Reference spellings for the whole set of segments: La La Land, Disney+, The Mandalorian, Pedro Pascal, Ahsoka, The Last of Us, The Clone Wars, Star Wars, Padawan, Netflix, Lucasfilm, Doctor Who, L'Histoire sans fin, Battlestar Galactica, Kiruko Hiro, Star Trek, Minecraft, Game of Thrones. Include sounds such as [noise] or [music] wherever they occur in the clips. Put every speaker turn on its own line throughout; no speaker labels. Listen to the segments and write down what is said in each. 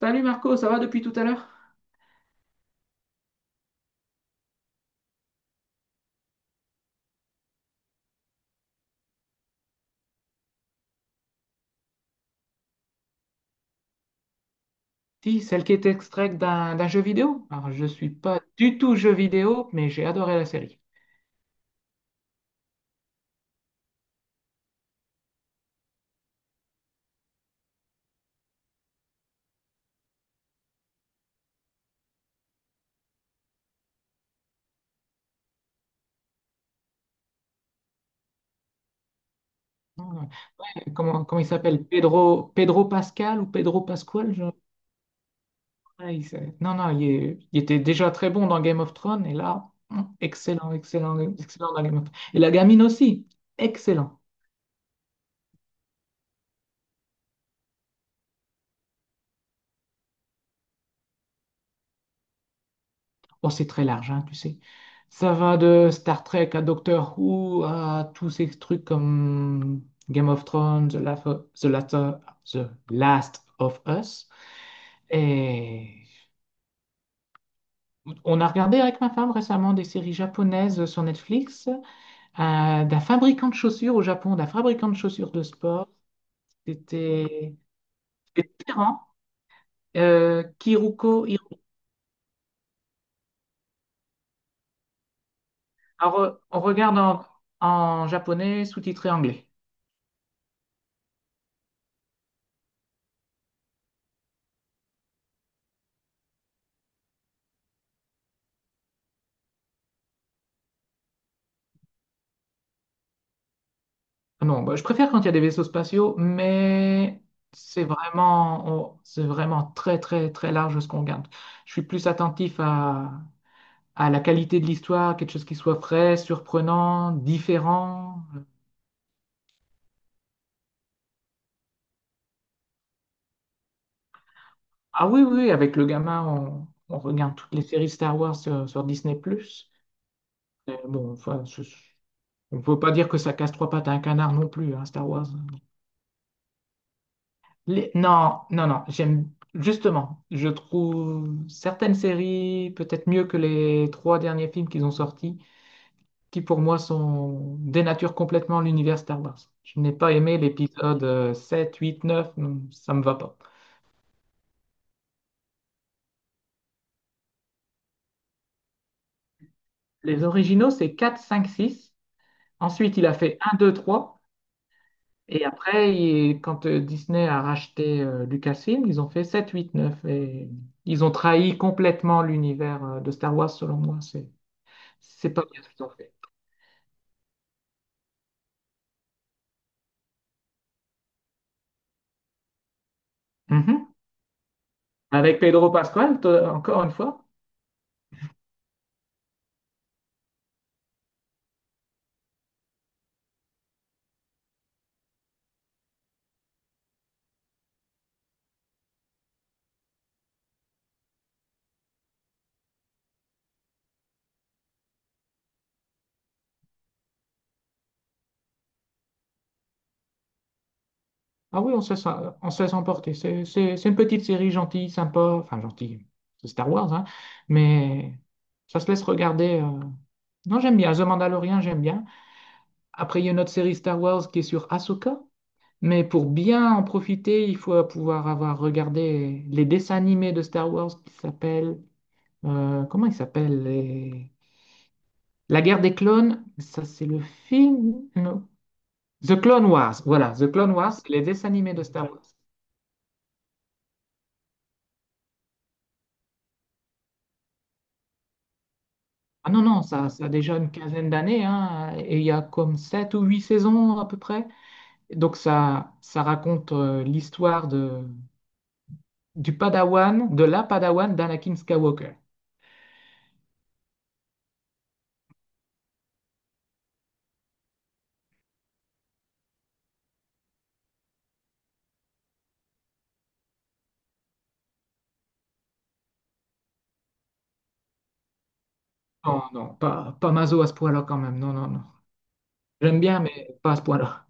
Salut Marco, ça va depuis tout à l'heure? Si, celle qui est extraite d'un jeu vidéo. Alors, je suis pas du tout jeu vidéo, mais j'ai adoré la série. Non, non. Comment il s'appelle? Pedro, Pedro Pascal ou Pedro Pascual? Ouais. Non, non, il était déjà très bon dans Game of Thrones, et là, excellent, excellent, excellent dans Game of Thrones. Et la gamine aussi, excellent. Bon, c'est très large, hein, tu sais. Ça va de Star Trek à Doctor Who à tous ces trucs comme Game of Thrones, The Last of Us. Et on a regardé avec ma femme récemment des séries japonaises sur Netflix, d'un fabricant de chaussures au Japon, d'un fabricant de chaussures de sport. C'était c'était Terran, Kiruko Hiro. Alors, on regarde en japonais sous-titré anglais. Ah non, bah, je préfère quand il y a des vaisseaux spatiaux, mais c'est vraiment, c'est vraiment très, très, très large ce qu'on regarde. Je suis plus attentif à la qualité de l'histoire, quelque chose qui soit frais, surprenant, différent. Ah oui, oui, oui, avec le gamin, on regarde toutes les séries Star Wars sur Disney+. Bon, enfin, on ne peut pas dire que ça casse trois pattes à un canard non plus, hein, Star Wars. Non, non, non, j'aime justement, je trouve certaines séries peut-être mieux que les trois derniers films qu'ils ont sortis, qui pour moi sont dénaturent complètement l'univers Star Wars. Je n'ai pas aimé l'épisode 7, 8, 9, non, ça me va pas. Les originaux, c'est quatre, cinq, six. Ensuite, il a fait un, 2, 3. Et après, quand Disney a racheté Lucasfilm, ils ont fait 7, 8, neuf. Et ils ont trahi complètement l'univers de Star Wars, selon moi. C'est pas bien ce qu'ils ont fait. Mhm. Avec Pedro Pascal, encore une fois. Ah oui, on se laisse emporter. C'est une petite série gentille, sympa. Enfin, gentille, c'est Star Wars, hein. Mais ça se laisse regarder. Non, j'aime bien. The Mandalorian, j'aime bien. Après, il y a une autre série Star Wars qui est sur Ahsoka. Mais pour bien en profiter, il faut pouvoir avoir regardé les dessins animés de Star Wars qui s'appellent, comment ils s'appellent? La guerre des clones. Ça, c'est le film. The Clone Wars, voilà, The Clone Wars, c'est les dessins animés de Star Wars. Ah non, non, ça a déjà une quinzaine d'années, hein, et il y a comme sept ou huit saisons à peu près. Donc ça raconte l'histoire du Padawan, de la Padawan d'Anakin Skywalker. Non, non, pas Mazo à ce point-là quand même, non, non, non. J'aime bien, mais pas à ce point-là.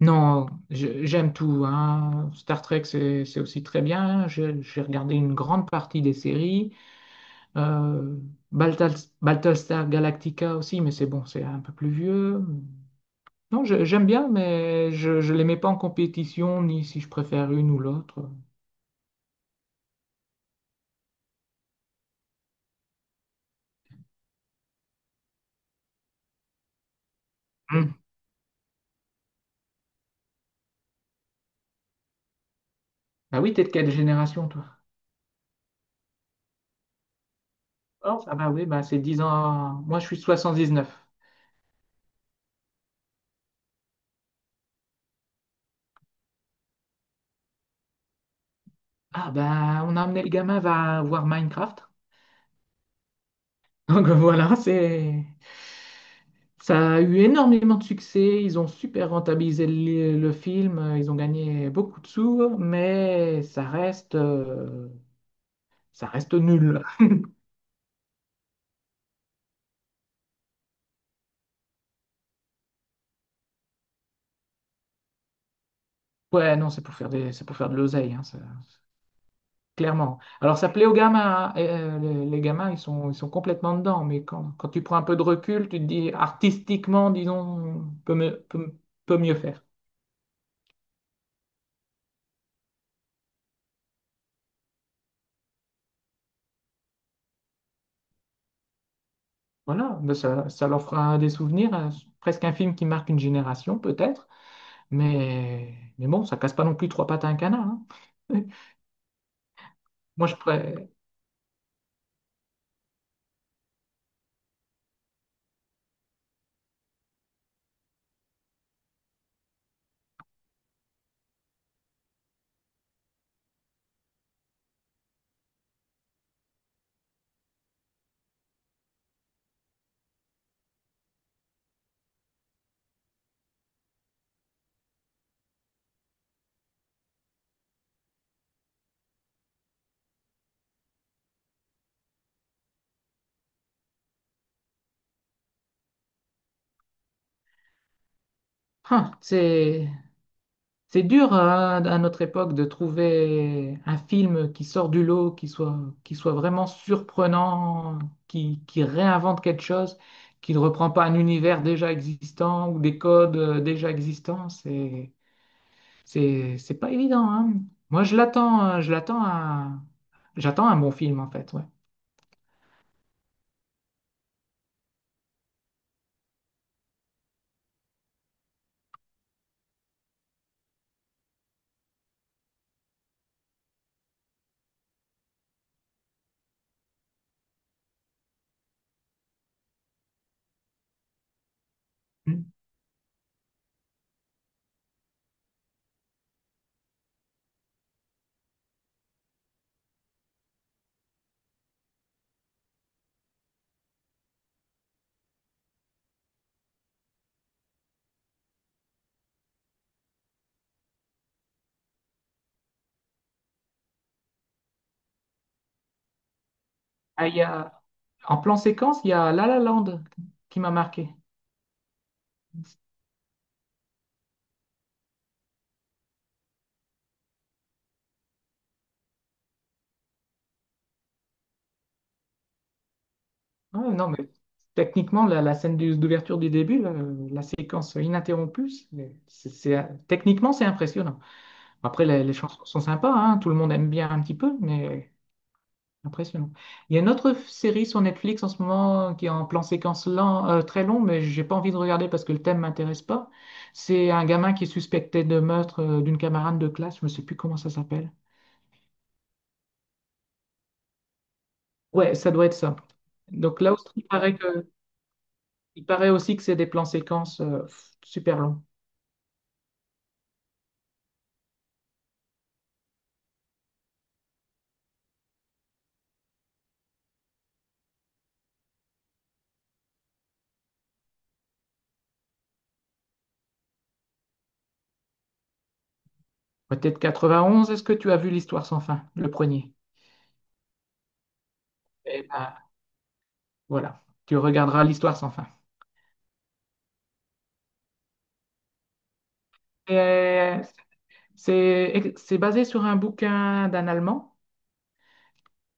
Non, j'aime tout, hein. Star Trek, c'est aussi très bien. J'ai regardé une grande partie des séries. Euh, Battlestar Galactica aussi, mais c'est bon, c'est un peu plus vieux. Non, j'aime bien, mais je ne les mets pas en compétition, ni si je préfère une ou l'autre. Hmm. Ah oui, t'es de quelle génération, toi? Alors, ah bah oui, bah c'est 10 ans. Moi, je suis 79. Ah bah, on a amené le gamin va voir Minecraft. Donc voilà, c'est. Ça a eu énormément de succès, ils ont super rentabilisé le film, ils ont gagné beaucoup de sous, mais ça reste nul. Ouais, non, c'est pour faire de l'oseille, hein, clairement. Alors ça plaît aux gamins, hein, et, les gamins, ils sont complètement dedans, mais quand tu prends un peu de recul, tu te dis artistiquement, disons, peut mieux faire. Voilà, ben ça leur fera des souvenirs, presque un film qui marque une génération peut-être, mais bon, ça casse pas non plus trois pattes à un canard, hein. [laughs] Moi, je pré- Hein, c'est dur hein, à notre époque de trouver un film qui sort du lot, qui soit vraiment surprenant, qui réinvente quelque chose, qui ne reprend pas un univers déjà existant ou des codes déjà existants. C'est pas évident, hein. Moi, je l'attends à... J'attends un bon film, en fait, ouais. Mm. Ah. En plan séquence, il y a La La Land qui m'a marqué. Ouais, non, mais techniquement, la scène d'ouverture du début, là, la séquence ininterrompue, c'est techniquement, c'est impressionnant. Après, les chansons sont sympas, hein, tout le monde aime bien un petit peu, mais impressionnant. Il y a une autre série sur Netflix en ce moment qui est en plan séquence lent, très long, mais j'ai pas envie de regarder parce que le thème m'intéresse pas. C'est un gamin qui est suspecté de meurtre d'une camarade de classe, je ne sais plus comment ça s'appelle. Ouais, ça doit être ça. Donc là aussi, il paraît aussi que c'est des plans séquences super longs. Peut-être 91, est-ce que tu as vu L'Histoire sans fin, le premier? Et bah, voilà, tu regarderas l'histoire sans fin. Et, c'est basé sur un bouquin d'un Allemand.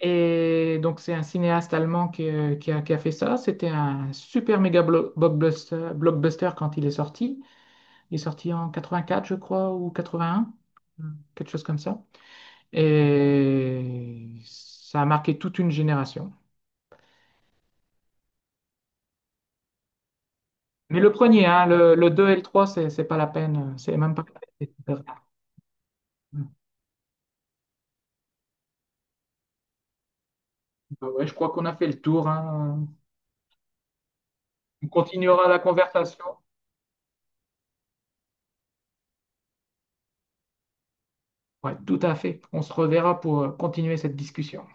Et donc, c'est un cinéaste allemand qui a fait ça. C'était un super méga blockbuster quand il est sorti. Il est sorti en 84, je crois, ou 81, quelque chose comme ça. Et ça a marqué toute une génération. Mais le premier, hein, le 2 et le trois, c'est pas la peine. C'est même pas la peine. Bah ouais, je crois qu'on a fait le tour, hein. On continuera la conversation. Ouais, tout à fait. On se reverra pour continuer cette discussion.